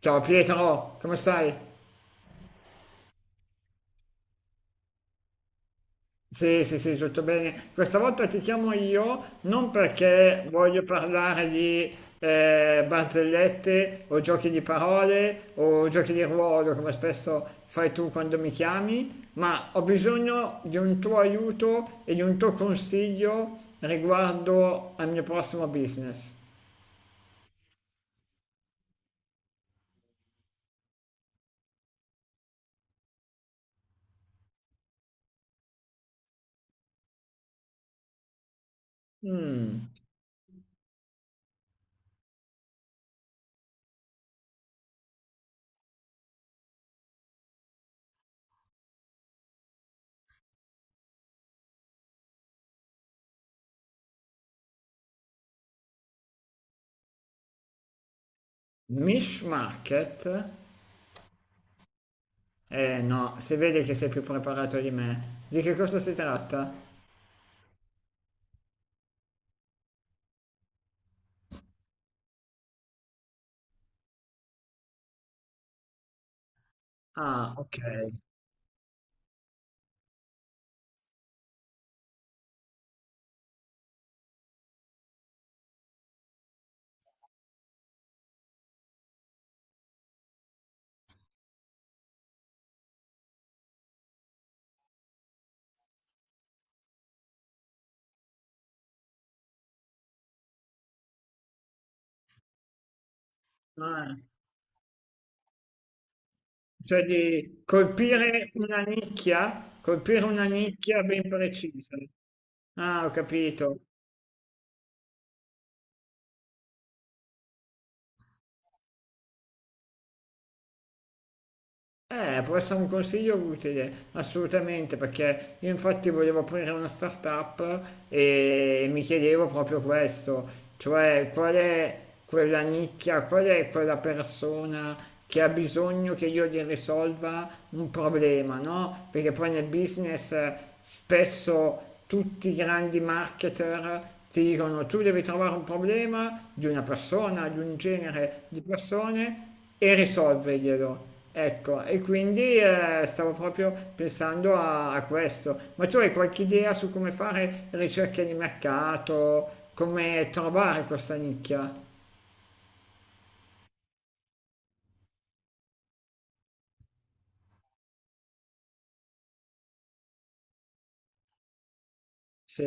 Ciao Pietro, come stai? Sì, sì, sì, tutto bene. Questa volta ti chiamo io non perché voglio parlare di barzellette o giochi di parole o giochi di ruolo, come spesso fai tu quando mi chiami, ma ho bisogno di un tuo aiuto e di un tuo consiglio riguardo al mio prossimo business. Mish Market? Eh no, si vede che sei più preparato di me. Di che cosa si tratta? Ah, ok. Ah, cioè di colpire una nicchia ben precisa. Ah, ho capito. Può essere un consiglio utile, assolutamente, perché io infatti volevo aprire una startup e mi chiedevo proprio questo, cioè qual è quella nicchia, qual è quella persona che ha bisogno che io gli risolva un problema, no? Perché poi nel business spesso tutti i grandi marketer ti dicono tu devi trovare un problema di una persona, di un genere di persone e risolverglielo. Ecco, e quindi stavo proprio pensando a questo. Ma tu hai qualche idea su come fare ricerche di mercato, come trovare questa nicchia? Sì,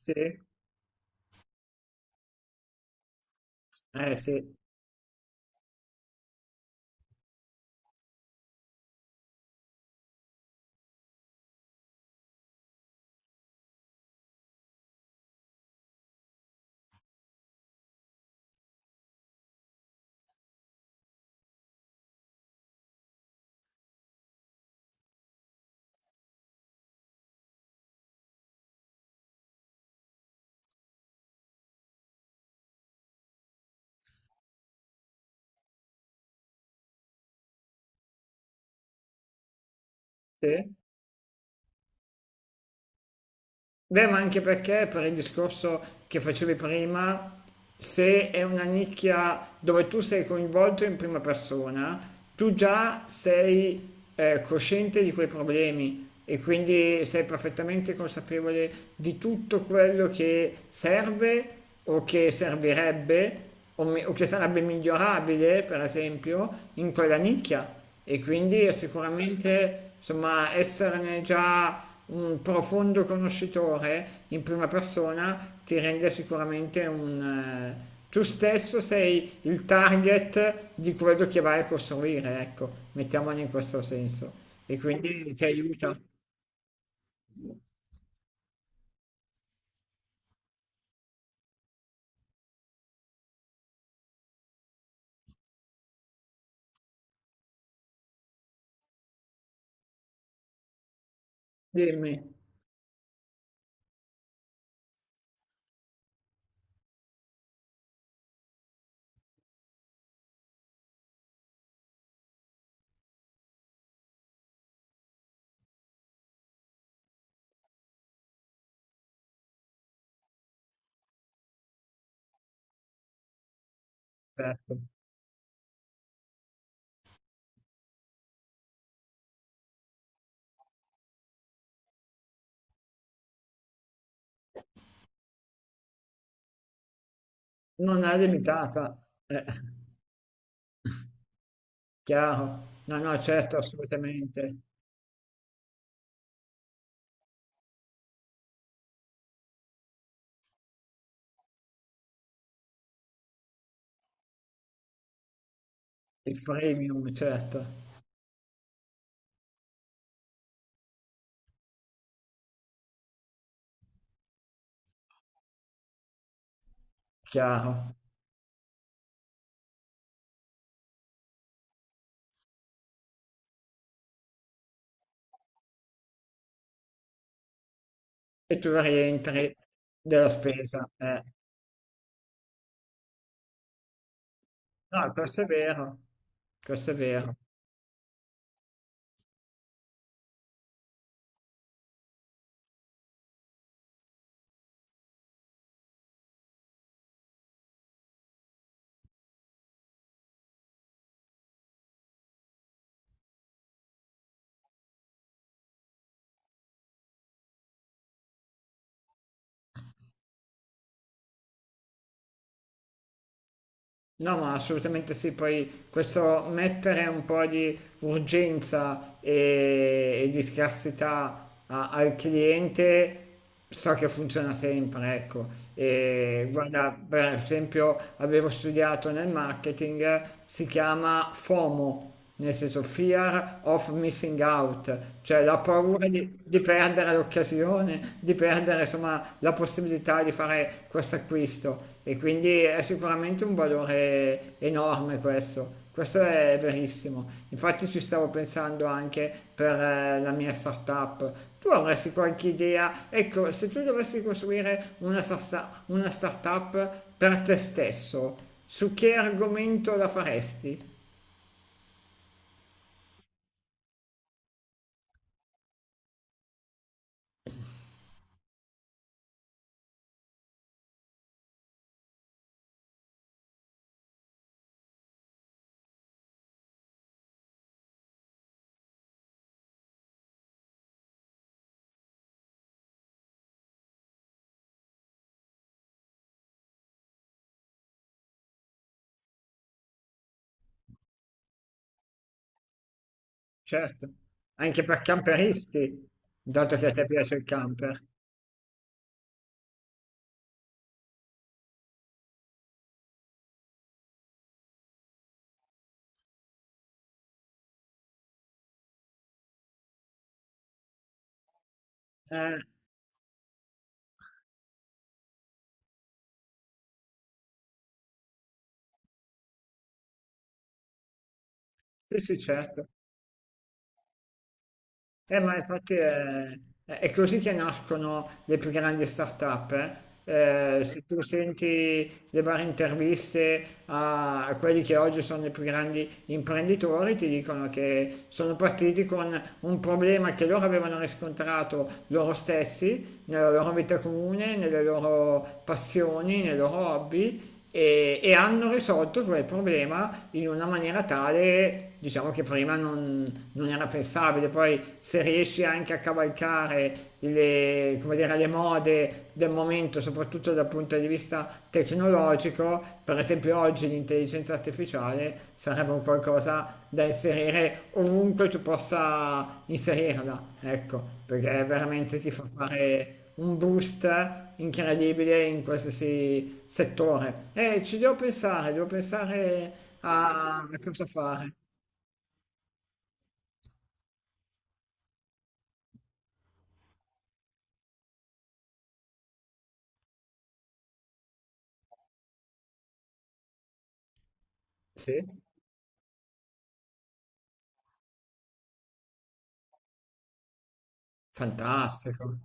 sì, eh sì, sì. Beh, ma anche perché per il discorso che facevi prima, se è una nicchia dove tu sei coinvolto in prima persona, tu già sei cosciente di quei problemi e quindi sei perfettamente consapevole di tutto quello che serve o che servirebbe o, o che sarebbe migliorabile, per esempio, in quella nicchia. E quindi è sicuramente, insomma, esserne già un profondo conoscitore in prima persona ti rende sicuramente un... tu stesso sei il target di quello che vai a costruire, ecco, mettiamolo in questo senso. E quindi ti aiuta. Dimmi, certo. Non è limitata. Eh. Chiaro. No, no, certo, assolutamente. Il freemium, certo, chiaro. E tu rientri della spesa. No, questo è vero, questo è vero. No, ma assolutamente sì. Poi questo mettere un po' di urgenza e di scarsità al cliente so che funziona sempre, ecco. E guarda, per esempio, avevo studiato nel marketing, si chiama FOMO nel senso fear of missing out, cioè la paura di perdere l'occasione, di perdere insomma la possibilità di fare questo acquisto e quindi è sicuramente un valore enorme questo. Questo è verissimo, infatti ci stavo pensando anche per la mia startup. Tu avresti qualche idea? Ecco, se tu dovessi costruire una startup per te stesso, su che argomento la faresti? Certo, anche per camperisti, dato che a te piace il camper. Eh, sì, sì, certo. Ma infatti è, è così che nascono le più grandi start-up. Eh. Se tu senti le varie interviste a quelli che oggi sono i più grandi imprenditori, ti dicono che sono partiti con un problema che loro avevano riscontrato loro stessi nella loro vita comune, nelle loro passioni, nei loro hobby e hanno risolto cioè, il problema in una maniera tale, diciamo che prima non era pensabile, poi se riesci anche a cavalcare le, come dire, le mode del momento, soprattutto dal punto di vista tecnologico, per esempio oggi l'intelligenza artificiale sarebbe un qualcosa da inserire ovunque tu possa inserirla, ecco, perché veramente ti fa fare un boost incredibile in qualsiasi settore. E ci devo pensare a cosa fare. Sì, fantastico.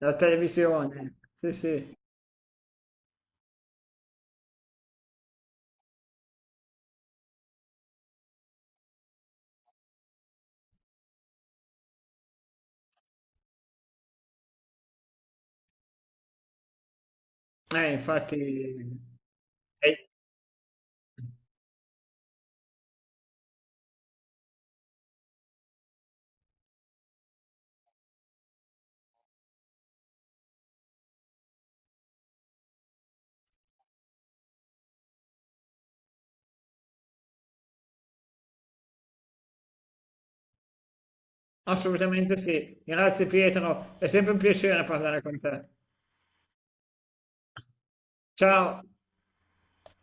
La televisione, sì, sì. Infatti, eh, assolutamente sì. Grazie Pietro, è sempre un piacere parlare con te. Ciao.